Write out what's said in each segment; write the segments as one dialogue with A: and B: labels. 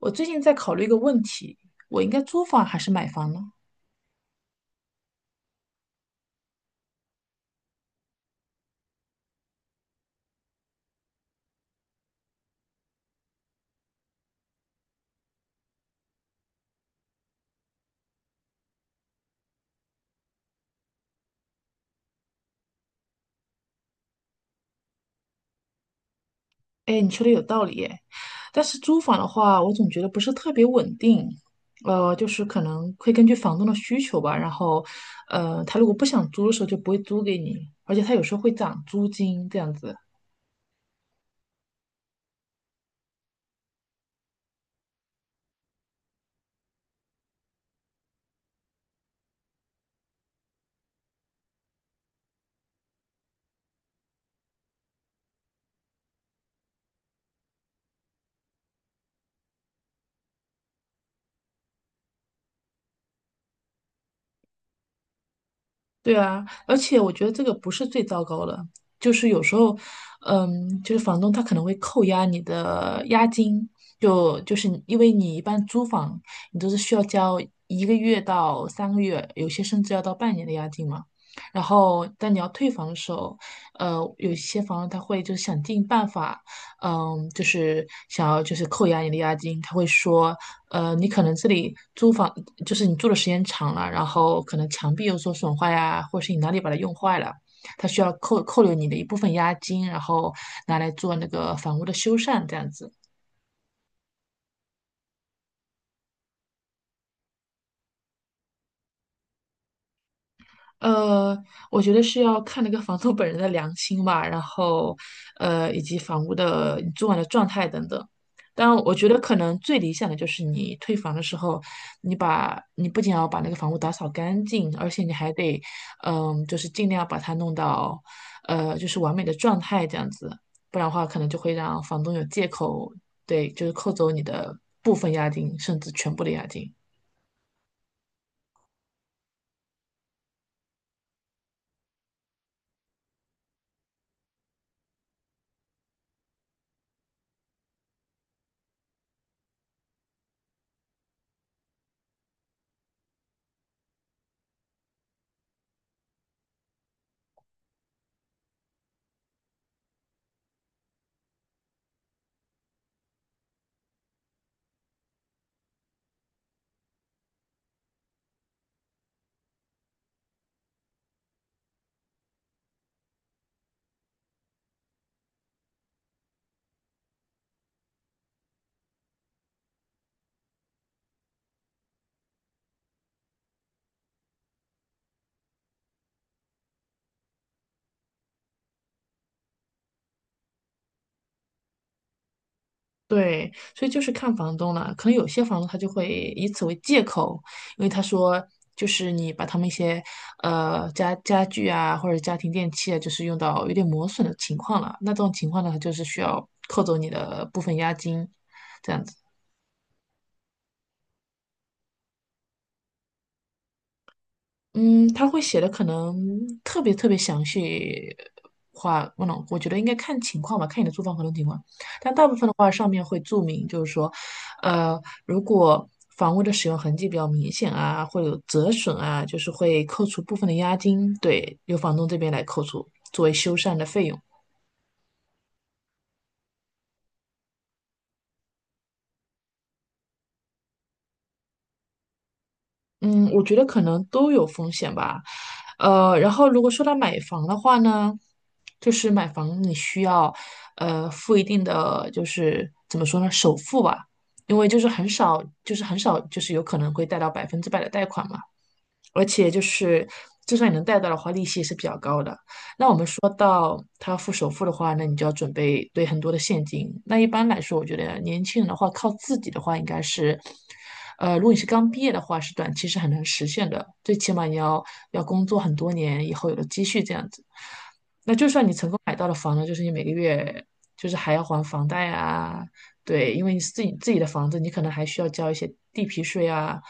A: 我最近在考虑一个问题，我应该租房还是买房呢？哎，你说的有道理耶，但是租房的话，我总觉得不是特别稳定，就是可能会根据房东的需求吧，然后，他如果不想租的时候就不会租给你，而且他有时候会涨租金这样子。对啊，而且我觉得这个不是最糟糕的，就是有时候，就是房东他可能会扣押你的押金，就是你因为你一般租房，你都是需要交一个月到三个月，有些甚至要到半年的押金嘛。然后，但你要退房的时候，有些房东他会就想尽办法就是想要就是扣押你的押金，他会说，你可能这里租房就是你住的时间长了，然后可能墙壁有所损坏呀，或是你哪里把它用坏了，他需要扣留你的一部分押金，然后拿来做那个房屋的修缮这样子。呃，我觉得是要看那个房东本人的良心吧，然后，以及房屋的你租完的状态等等。当然，我觉得可能最理想的就是你退房的时候，你把你不仅要把那个房屋打扫干净，而且你还得，就是尽量把它弄到，就是完美的状态这样子，不然的话可能就会让房东有借口，对，就是扣走你的部分押金，甚至全部的押金。对，所以就是看房东了。可能有些房东他就会以此为借口，因为他说就是你把他们一些家具啊或者家庭电器啊，就是用到有点磨损的情况了，那这种情况呢，他就是需要扣走你的部分押金。这样子。嗯，他会写的可能特别详细话，不能，我觉得应该看情况吧，看你的租房合同情况。但大部分的话，上面会注明，就是说，呃，如果房屋的使用痕迹比较明显啊，会有折损啊，就是会扣除部分的押金，对，由房东这边来扣除作为修缮的费用。嗯，我觉得可能都有风险吧。然后如果说到买房的话呢，就是买房你需要付一定的就是怎么说呢，首付吧，因为就是很少，就是很少，就是有可能会贷到百分之百的贷款嘛，而且就是就算你能贷到的话，利息也是比较高的。说到他付首付的话，那你就要准备对很多的现金。那一般来说，我觉得年轻人的话，靠自己的话，应该是，如果你是刚毕业的话，是短期是很难实现的，最起码你要要工作很多年以后有了积蓄这样子。那就算你成功买到了房呢，就是你每个月就是还要还房贷啊，对，因为你自己的房子，你可能还需要交一些地皮税啊，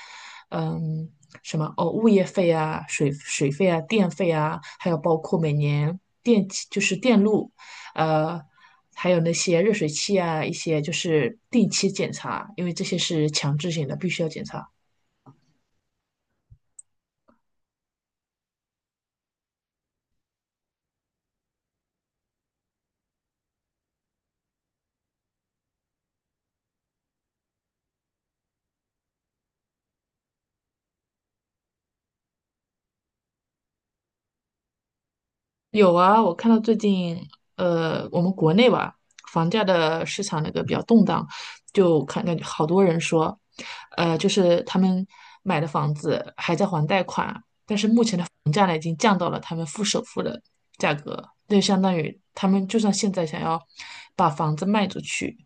A: 嗯，什么哦，物业费啊、水费啊、电费啊，还有包括每年电气就是电路，呃，还有那些热水器啊，一些就是定期检查，因为这些是强制性的，必须要检查。有啊，我看到最近，我们国内吧，房价的市场那个比较动荡，就看感觉好多人说，就是他们买的房子还在还贷款，房价呢已经降到了他们付首付的价格，那就相当于他们就算现在想要把房子卖出去，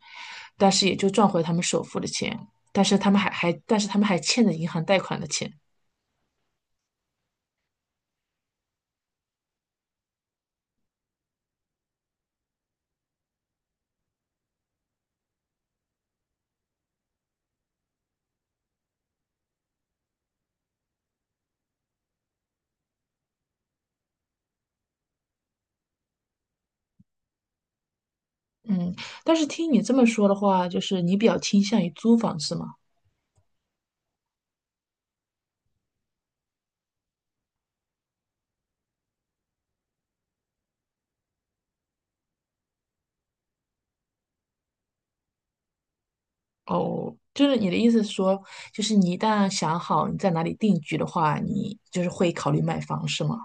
A: 但是也就赚回他们首付的钱，但是他们还但是他们还欠着银行贷款的钱，嗯，但是听你这么说的话，就是你比较倾向于租房是吗？哦，就是你的意思是说，就是你一旦想好你在哪里定居的话，你就是会考虑买房，是吗？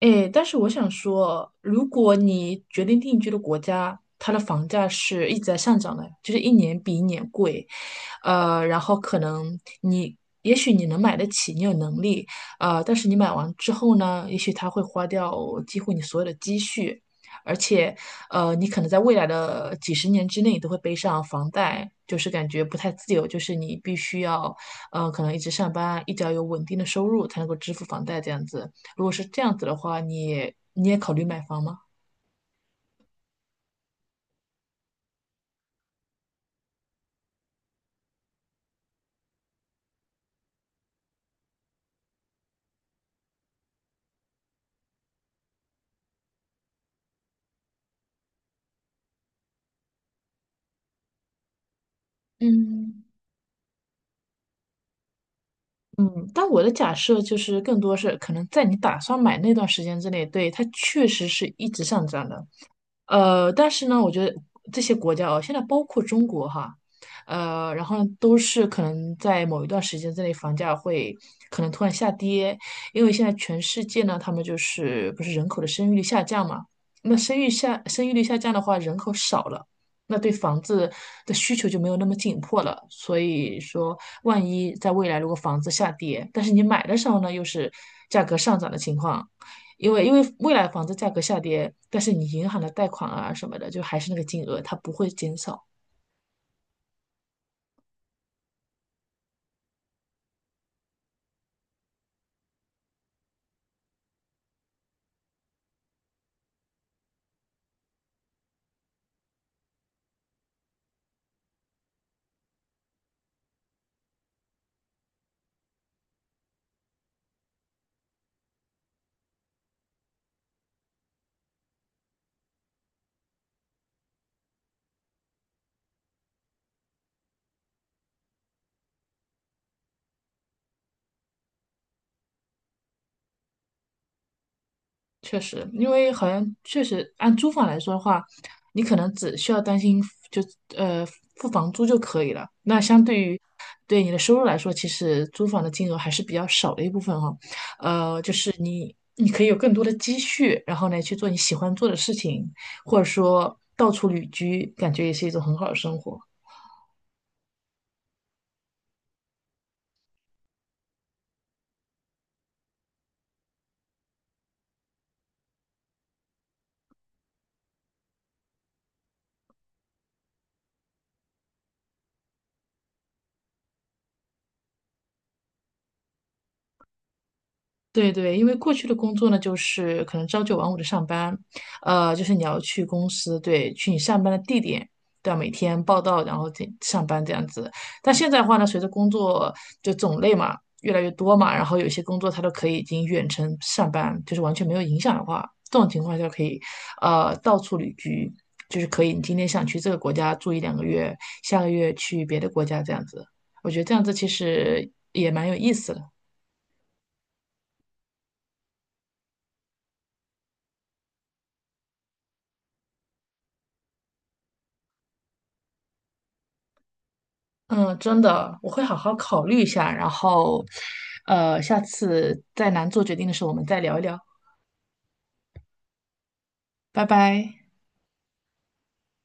A: 哎，但是我想说，如果你决定定居的国家，它的房价是一直在上涨的，就是一年比一年贵，然后可能你，也许你能买得起，你有能力，但是你买完之后呢，也许它会花掉几乎你所有的积蓄，而且，你可能在未来的几十年之内都会背上房贷，就是感觉不太自由，就是你必须要，可能一直上班，一直要有稳定的收入才能够支付房贷这样子。如果是这样子的话，你也考虑买房吗？嗯嗯，但我的假设就是更多是可能在你打算买那段时间之内，对，它确实是一直上涨的，但是呢，我觉得这些国家哦，现在包括中国哈，然后呢，都是可能在某一段时间之内，房价会可能突然下跌，因为现在全世界呢，他们就是不是人口的生育率下降嘛，那生育率下降的话，人口少了。那对房子的需求就没有那么紧迫了，所以说，万一在未来如果房子下跌，但是你买的时候呢，又是价格上涨的情况，因为未来房子价格下跌，但是你银行的贷款啊什么的，就还是那个金额，它不会减少。确实，因为好像确实按租房来说的话，你可能只需要担心就呃付房租就可以了。那相对于对你的收入来说，其实租房的金额还是比较少的一部分哈、就是你可以有更多的积蓄，然后呢去做你喜欢做的事情，或者说到处旅居，感觉也是一种很好的生活。对对，因为过去的工作呢，就是可能朝九晚五的上班，就是你要去公司，对，去你上班的地点，对啊，每天报到，然后这上班这样子。但现在的话呢，随着工作就种类嘛越来越多嘛，然后有些工作它都可以已经远程上班，就是完全没有影响的话，这种情况下可以，到处旅居，就是可以你今天想去这个国家住一两个月，下个月去别的国家这样子。我觉得这样子其实也蛮有意思的。嗯，真的，我会好好考虑一下，然后，下次再难做决定的时候，我们再聊一聊。拜拜。